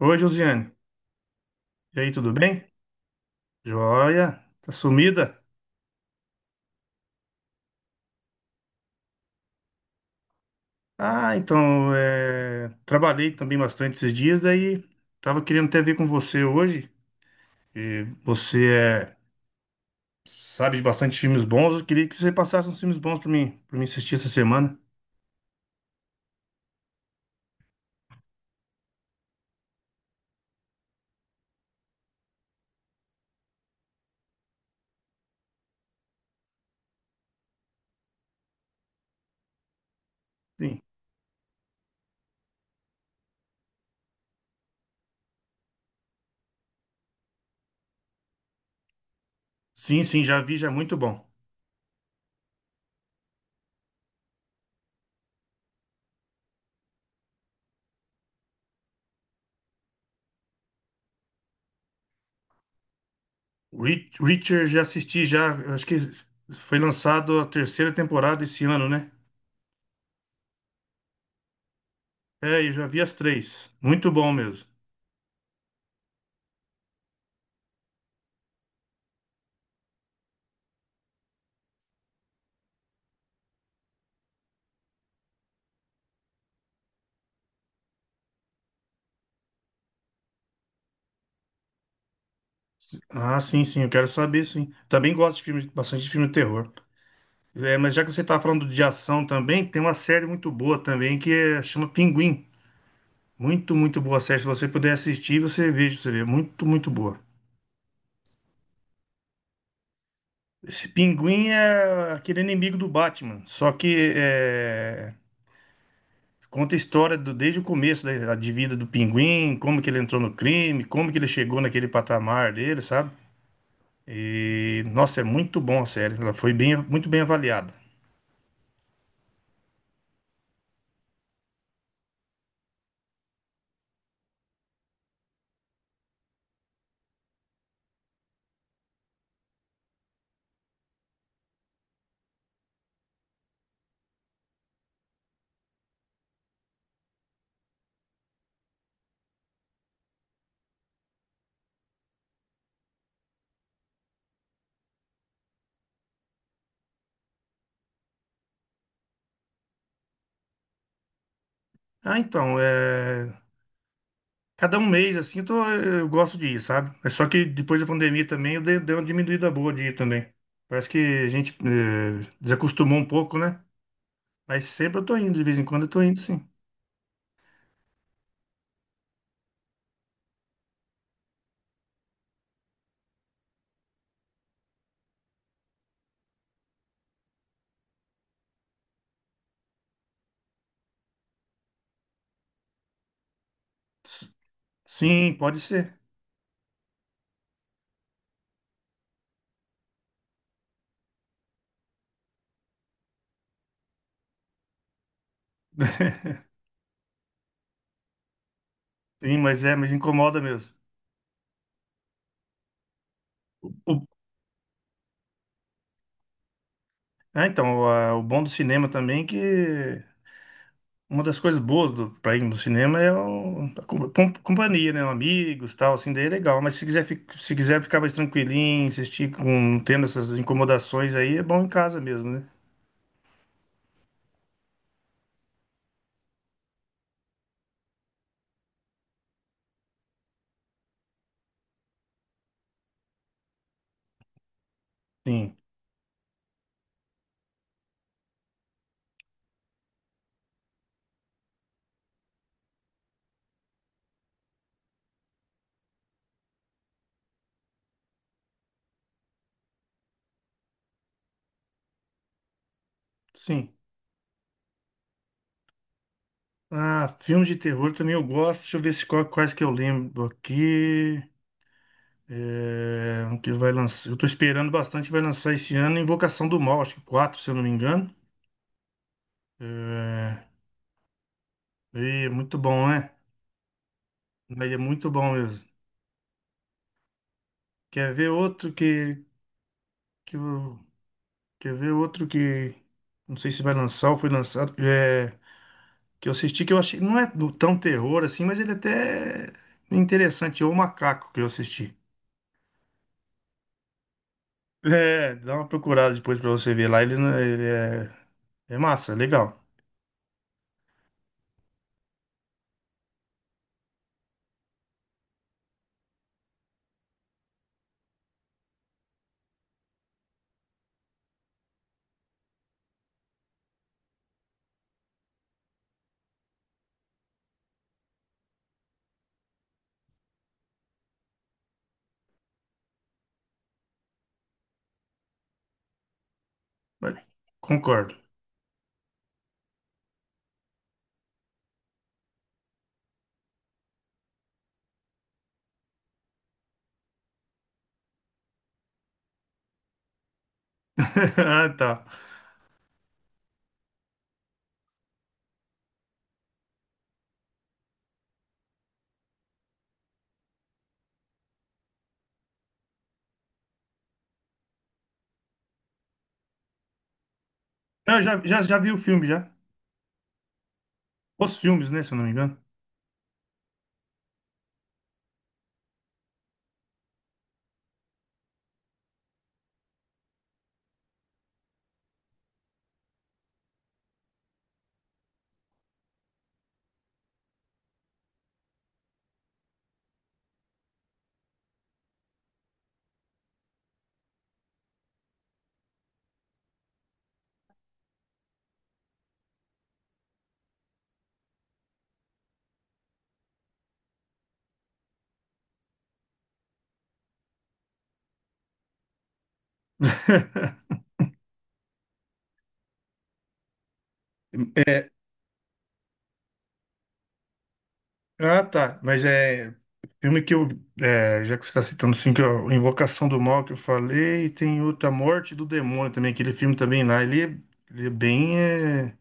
Oi, Josiane. E aí, tudo bem? Joia? Tá sumida? Ah, então, é, trabalhei também bastante esses dias, daí tava querendo até ver com você hoje. E você é... sabe de bastante filmes bons, eu queria que você passasse uns filmes bons pra mim, para mim assistir essa semana. Sim. Sim, sim, já vi, já é muito bom. Reacher já assisti, já, acho que foi lançado a terceira temporada esse ano, né? É, eu já vi as três. Muito bom mesmo. Ah, sim, sim, eu quero saber, sim. Também gosto de filme, bastante de filme de terror. É, mas já que você tá falando de ação também, tem uma série muito boa também chama Pinguim. Muito, muito boa série. Se você puder assistir, você veja, você vê. Muito, muito boa. Esse Pinguim é aquele inimigo do Batman, só que é, conta a história desde o começo da, de vida do Pinguim, como que ele entrou no crime, como que ele chegou naquele patamar dele, sabe? E, nossa, é muito bom a série. Ela foi bem, muito bem avaliada. Ah, então, cada um mês, assim, eu, eu gosto de ir, sabe? É só que depois da pandemia também eu dei, dei uma diminuída boa de ir também. Parece que a gente é, desacostumou um pouco, né? Mas sempre eu tô indo, de vez em quando eu tô indo, sim. S- Sim, pode ser. Sim, mas é, mas incomoda mesmo. O- Ah, então, o bom do cinema também é que uma das coisas boas do, pra ir no cinema é a companhia, né? Amigos, tal, assim, daí é legal. Mas se quiser, se quiser ficar mais tranquilinho, assistir com, não tendo essas incomodações aí, é bom em casa mesmo, né? Sim, sim. Ah, filmes de terror também eu gosto. Deixa eu ver se, quais que eu lembro aqui. É, um que vai lançar. Eu tô esperando bastante, vai lançar esse ano Invocação do Mal, acho que 4 se eu não me engano. É, e é muito bom, né? Mas é muito bom mesmo. Quer ver outro que, que eu Quer ver outro que não sei se vai lançar ou foi lançado, que é que eu assisti que eu achei não tão terror assim, mas ele até é interessante, é o Macaco que eu assisti. É, dá uma procurada depois pra você ver lá, ele, ele é, é massa, legal. Mas- Concordo. Ah, tá. Não, eu já, já, já vi o filme já. Os filmes, né, se eu não me engano. Ah, tá. Mas é filme que eu. É, já que você está citando assim, Invocação do Mal que eu falei, e tem outra Morte do Demônio também, aquele filme também lá. Ele é,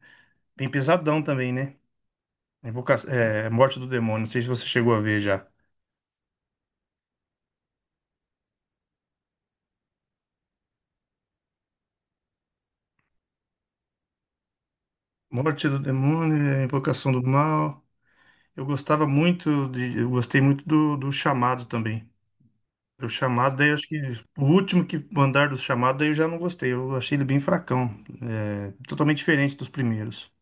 bem pesadão também, né? Invoca, é, Morte do Demônio, não sei se você chegou a ver já. Morte do Demônio, é, Invocação do Mal. Eu gostava muito de. Eu gostei muito do, do Chamado também. O Chamado, daí eu acho que o último que mandar do Chamado, daí eu já não gostei. Eu achei ele bem fracão. É, totalmente diferente dos primeiros.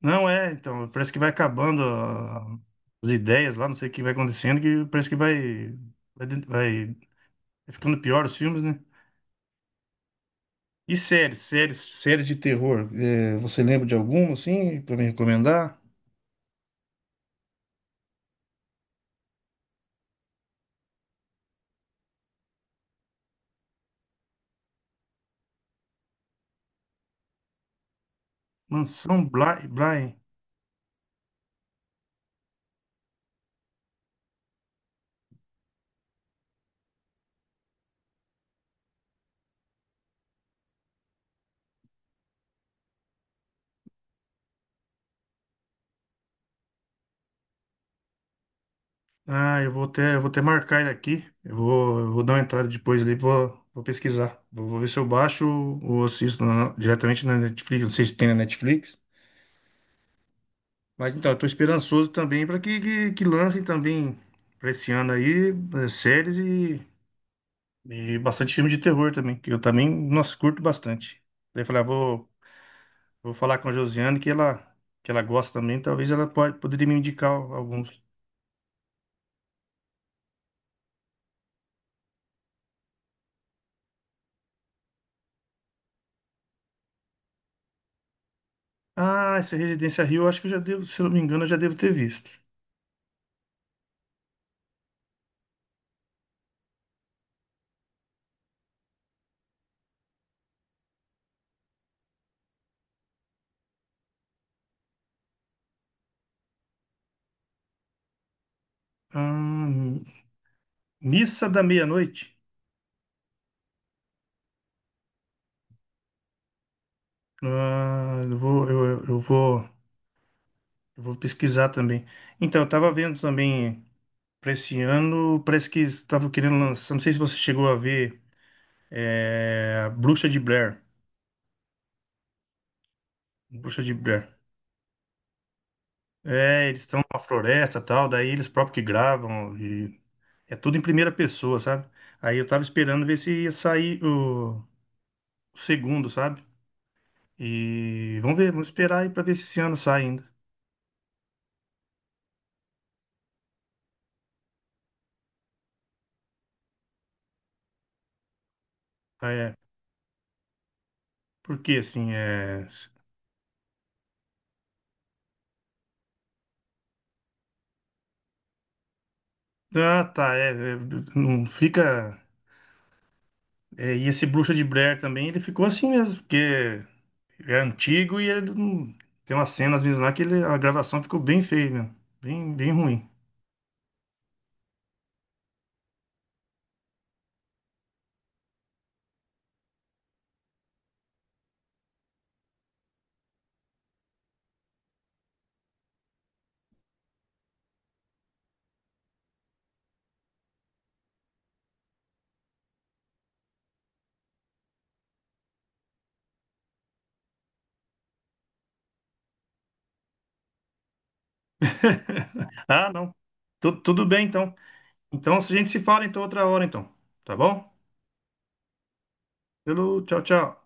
Não é, então, parece que vai acabando ah, as ideias lá, não sei o que vai acontecendo, que parece que vai, vai, vai ficando pior os filmes, né? E séries, séries, séries de terror. Eh, você lembra de alguma, assim, pra me recomendar? Mansão Bly, Bly. Ah, eu vou até marcar ele aqui. Eu vou dar uma entrada depois ali, vou, vou pesquisar. Vou, vou ver se eu baixo ou assisto diretamente na Netflix. Não sei se tem na Netflix. Mas então, eu tô esperançoso também para que, que lancem também para esse ano aí eh, séries e bastante filme de terror também, que eu também, nossa, curto bastante. Daí eu falei, ah, vou, vou falar com a Josiane que ela gosta também, talvez ela pode, poderia me indicar alguns. Ah, essa Residência Rio, eu acho que eu já devo, se eu não me engano, eu já devo ter visto. Hum, Missa da Meia-Noite. Ah, eu vou pesquisar também. Então, eu tava vendo também. Pra esse ano, parece que estavam querendo lançar. Não sei se você chegou a ver é, a Bruxa de Blair. Bruxa de Blair. É, eles estão numa floresta e tal, daí eles próprios que gravam. E é tudo em primeira pessoa, sabe? Aí eu tava esperando ver se ia sair o segundo, sabe? E vamos ver, vamos esperar aí pra ver se esse ano sai ainda. Ah, é, porque assim, é. Ah, tá, é, é, não fica. É, e esse Bruxa de Blair também, ele ficou assim mesmo, porque. Ele é antigo e ele tem umas cenas mesmo lá que a gravação ficou bem feia, meu. Bem, bem ruim. Ah, não. Tudo bem, então. Então, a gente se fala então outra hora, então. Tá bom? Pelo tchau, tchau.